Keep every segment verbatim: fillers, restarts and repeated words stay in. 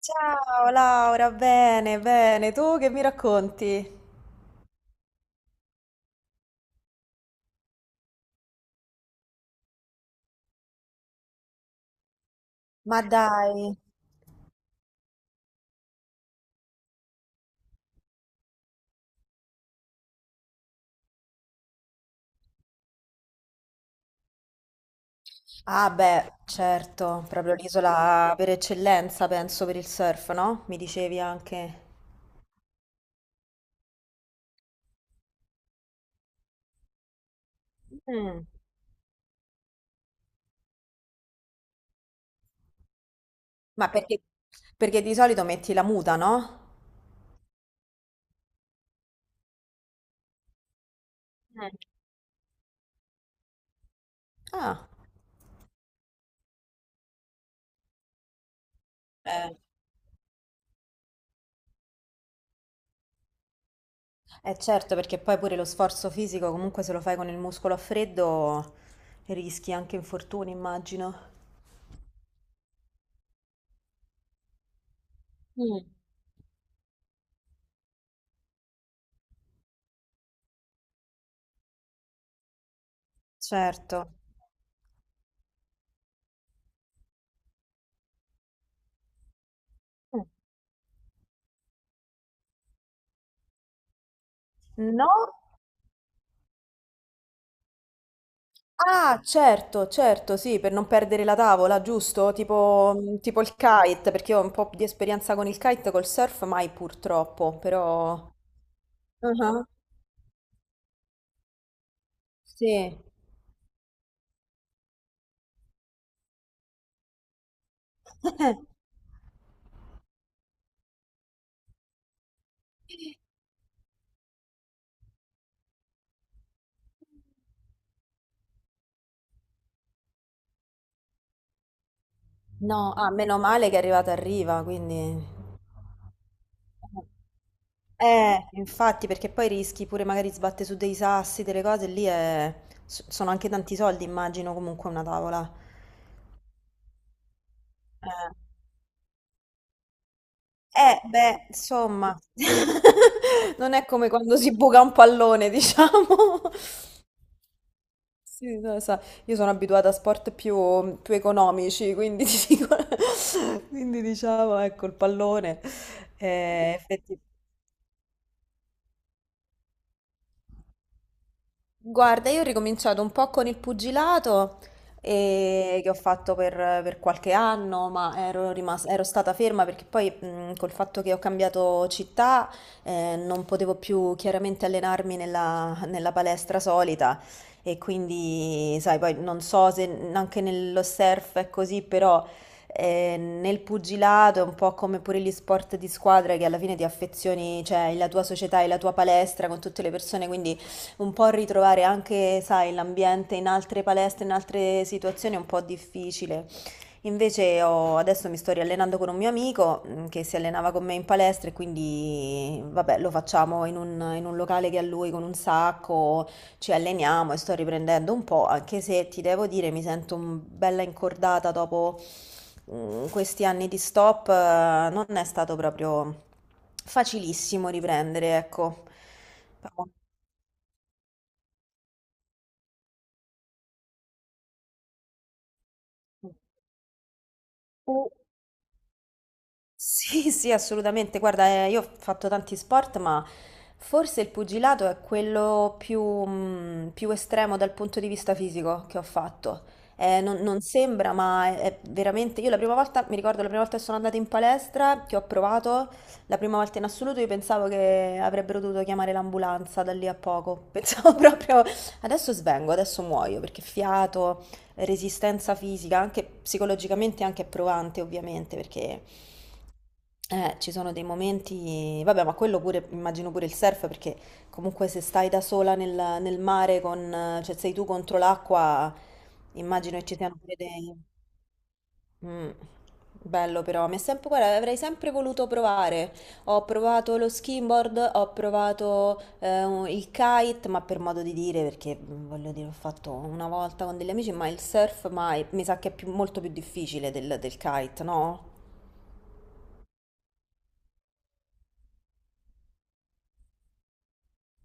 Ciao Laura, bene, bene, tu che mi racconti? Ma dai. Ah beh, certo, proprio l'isola per eccellenza, penso, per il surf, no? Mi dicevi anche. Mm. Ma perché, perché di solito metti la muta, no? Mm. Ah, eh, eh, certo, perché poi pure lo sforzo fisico, comunque se lo fai con il muscolo a freddo, rischi anche infortuni, immagino. Mm. Certo. Mm. No. Ah, certo, certo, sì, per non perdere la tavola, giusto? Tipo, mm, tipo il kite, perché io ho un po' di esperienza con il kite, col surf mai purtroppo, però... Ah, sì. No, ah, meno male che è arrivata a riva, quindi... Eh, infatti, perché poi rischi pure magari sbatte su dei sassi, delle cose, lì è... s- sono anche tanti soldi, immagino, comunque una tavola. Eh, beh, insomma, non è come quando si buca un pallone, diciamo. Sì, no, sa, io sono abituata a sport più, più economici, quindi, ti dico- quindi diciamo, ecco, il pallone. Eh, effetti- Guarda, io ho ricominciato un po' con il pugilato eh, che ho fatto per, per qualche anno, ma ero, rimas- ero stata ferma perché poi mh, col fatto che ho cambiato città eh, non potevo più chiaramente allenarmi nella, nella palestra solita e quindi, sai, poi non so se n- anche nello surf è così, però eh, nel pugilato è un po' come pure gli sport di squadra che alla fine ti affezioni, cioè la tua società e la tua palestra con tutte le persone, quindi... Un po' ritrovare anche, sai, l'ambiente in altre palestre, in altre situazioni è un po' difficile. Invece ho- adesso mi sto riallenando con un mio amico mm, che si allenava con me in palestra e quindi, vabbè, lo facciamo in un, in un locale che ha lui con un sacco, ci alleniamo e sto riprendendo un po', anche se ti devo dire mi sento un- bella incordata dopo mm, questi anni di stop, eh, non è stato proprio facilissimo riprendere, ecco. Però- Sì, sì, assolutamente. Guarda, eh, io ho fatto tanti sport, ma forse il pugilato è quello più, mh, più estremo dal punto di vista fisico che ho fatto. Eh, non, non sembra, ma è, è veramente... Io la prima volta, mi ricordo la prima volta che sono andata in palestra, che ho provato, la prima volta in assoluto, io pensavo che avrebbero dovuto chiamare l'ambulanza da lì a poco. Pensavo proprio, adesso svengo, adesso muoio, perché fiato resistenza fisica, anche psicologicamente anche provante ovviamente, perché eh, ci sono dei momenti, vabbè, ma quello pure, immagino pure il surf, perché comunque se stai da sola nel, nel mare, con, cioè sei tu contro l'acqua, immagino che ci siano pure dei... Mm. Bello però, mi è sempre, guarda, avrei sempre voluto provare. Ho provato lo skimboard, ho provato eh, un- il kite, ma per modo di dire, perché mm, voglio dire, ho fatto una volta con degli amici, ma il surf mai, mi sa che è più- molto più difficile del, del kite, no?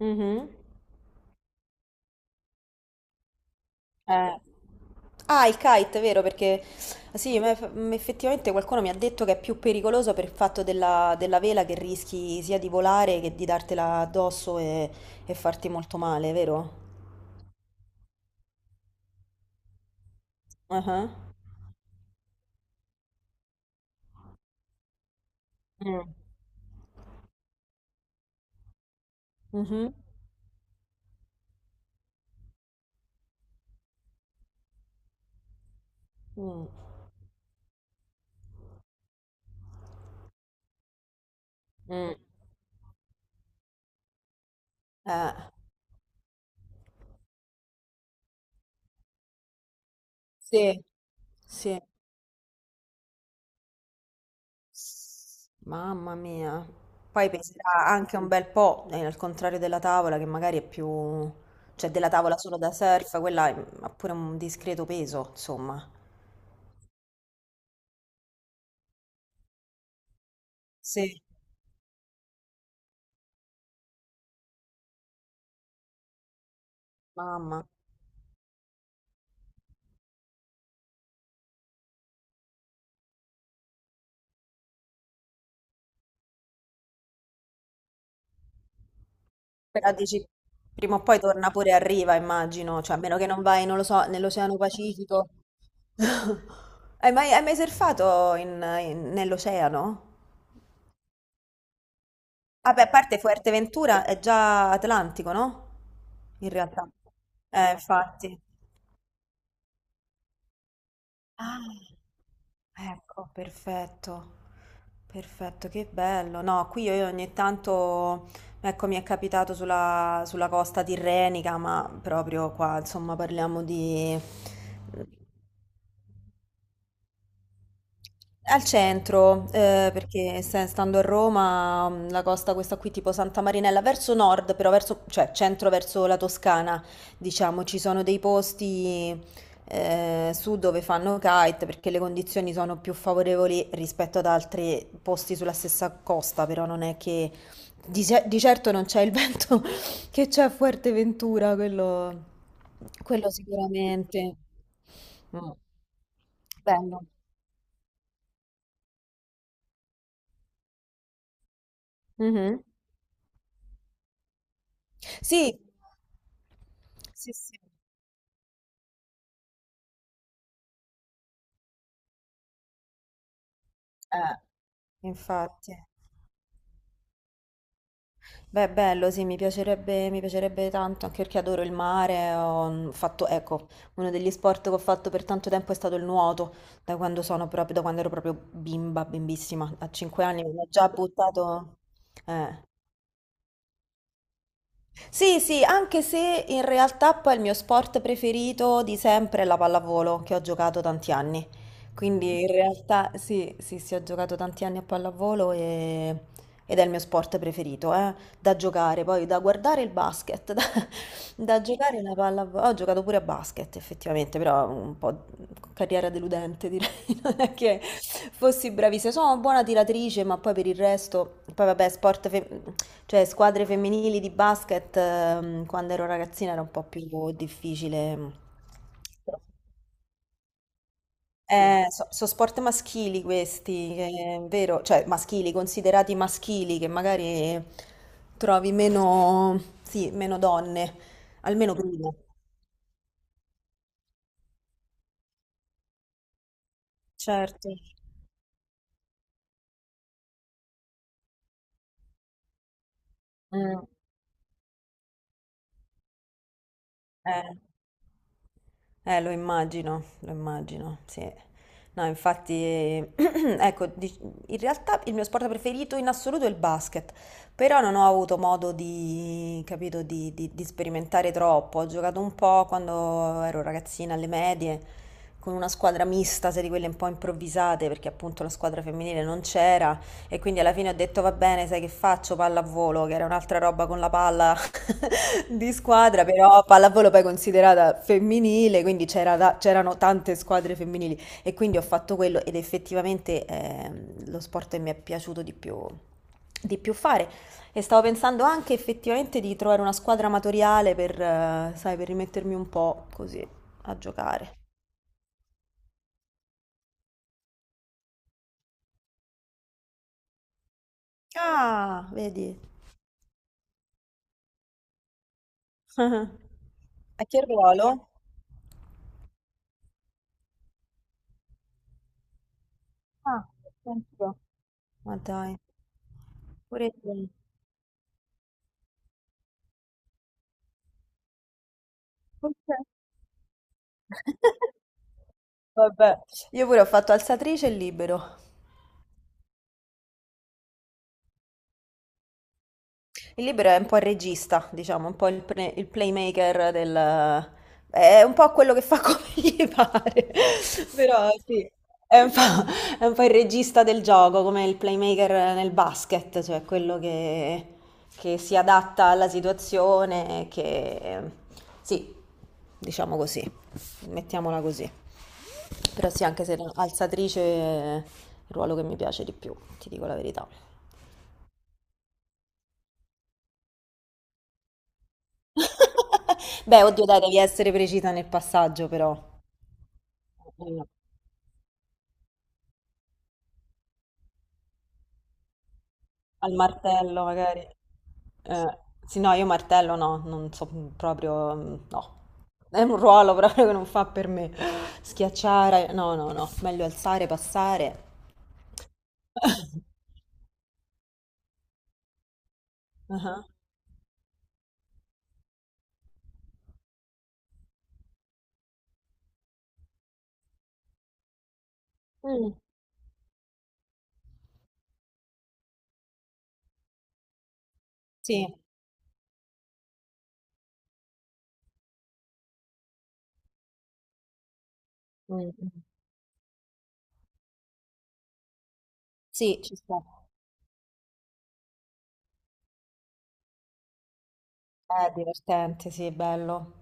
Mhm. Eh. Ah, il kite, vero? Perché sì, ma eff- mm, effettivamente qualcuno mi ha detto che è più pericoloso per il fatto della, della vela che rischi sia di volare che di dartela addosso e, e farti molto male, vero? Ah, ah. Mm. Mhm, mm. Mm. Eh, sì, sì. Mamma mia. Poi peserà anche un bel po', eh, al contrario della tavola, che magari è più... cioè della tavola solo da surf, quella è- ha pure un discreto peso, insomma. Sì. Mamma. Però dici, prima o poi torna pure a riva, immagino, cioè a meno che non vai, non lo so, nell'Oceano Pacifico. Hai mai, hai mai surfato in- in- nell'oceano? Vabbè, a parte Fuerteventura è già Atlantico, no? In realtà. Eh, infatti. Ah. Ecco, perfetto. Perfetto, che bello. No, qui io ogni tanto, ecco, mi è capitato sulla, sulla costa tirrenica, ma proprio qua, insomma, parliamo di... Al centro, eh, perché se- stando a Roma, mh, la costa questa qui tipo Santa Marinella, verso nord, però verso, cioè centro verso la Toscana, diciamo, ci sono dei posti eh, su dove fanno kite perché le condizioni sono più favorevoli rispetto ad altri posti sulla stessa costa, però non è che di, ce- di certo non c'è il vento che c'è a Fuerteventura, quello, quello sicuramente. Mm. Bello. Mhm. Sì. Sì, sì. Eh, infatti. Beh, bello, sì, mi piacerebbe, mi piacerebbe tanto, anche perché adoro il mare. Ho mm, fatto, ecco, uno degli sport che ho fatto per tanto tempo è stato il nuoto, da quando sono proprio, da quando ero proprio bimba, bimbissima. A cinque anni mi ho già buttato. Eh. Sì, sì, anche se in realtà poi il mio sport preferito di sempre è la pallavolo, che ho giocato tanti anni. Quindi in realtà sì, sì, sì, ho giocato tanti anni a pallavolo e- ed è il mio sport preferito, eh, da giocare, poi da guardare il basket, da, da giocare la pallavolo. Ho giocato pure a basket effettivamente, però un po' carriera deludente direi, non è che fossi bravissima. Sono una buona tiratrice, ma poi per il resto, poi vabbè, sport femminile. Cioè, squadre femminili di basket, ehm, quando ero ragazzina era un po' più difficile. Eh, so, so sport maschili questi, che è vero, cioè maschili, considerati maschili, che magari trovi meno, sì, meno donne, almeno prima. Certo. Mm. Eh. Eh, lo immagino, lo immagino, sì. No, infatti. Ecco, di- in realtà il mio sport preferito in assoluto è il basket, però non ho avuto modo di, capito, di, di- di sperimentare troppo. Ho giocato un po' quando ero ragazzina alle medie, con una squadra mista, se di quelle un po' improvvisate, perché appunto la squadra femminile non c'era. E quindi alla fine ho detto va bene, sai che faccio? Pallavolo, che era un'altra roba con la palla di squadra, però pallavolo poi considerata femminile, quindi c'era ta- c'erano tante squadre femminili e quindi ho fatto quello ed effettivamente ehm, lo sport che mi è piaciuto di più, di più fare. E stavo pensando anche effettivamente di trovare una squadra amatoriale per, eh, sai, per rimettermi un po' così a giocare. Ah, vedi. A che ruolo? Ah, senti. Ma dai, pure io. Perché? Vabbè, io pure ho fatto alzatrice e libero. Il libero è un po' il regista, diciamo, un po' il, pre- il playmaker del... È un po' quello che fa come gli pare, però sì, è un po', è un po' il regista del gioco, come il playmaker nel basket, cioè quello che, che si adatta alla situazione, che... Sì, diciamo così, mettiamola così. Però sì, anche se alzatrice è il ruolo che mi piace di più, ti dico la verità. Beh, oddio, dai, devi essere precisa nel passaggio, però. Mm. Al martello, magari. Eh, sì, no, io martello no, non so proprio, mm, no. È un ruolo proprio che non fa per me. Schiacciare, no, no, no. Meglio alzare, passare. Ah, mm, sì. Mm, mm. Sì, ci sta. È divertente, sì, è bello.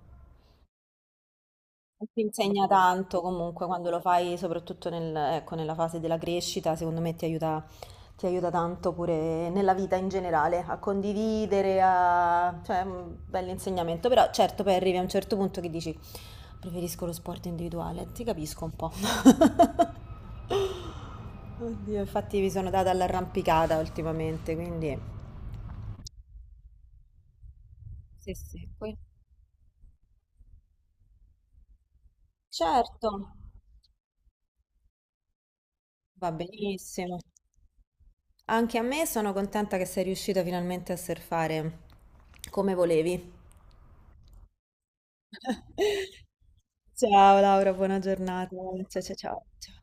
E ti insegna tanto comunque quando lo fai, soprattutto nel- ecco, nella fase della crescita, secondo me ti aiuta, ti aiuta tanto pure nella vita in generale, a condividere, a... cioè un bell'insegnamento, però certo poi arrivi a un certo punto che dici preferisco lo sport individuale, ti capisco un po'. Oddio, infatti mi sono data all'arrampicata ultimamente, quindi... Sì, sì, poi- certo, va benissimo. Anche a me sono contenta che sei riuscita finalmente a surfare come volevi. Ciao Laura, buona giornata. Ciao, ciao, ciao. Ciao.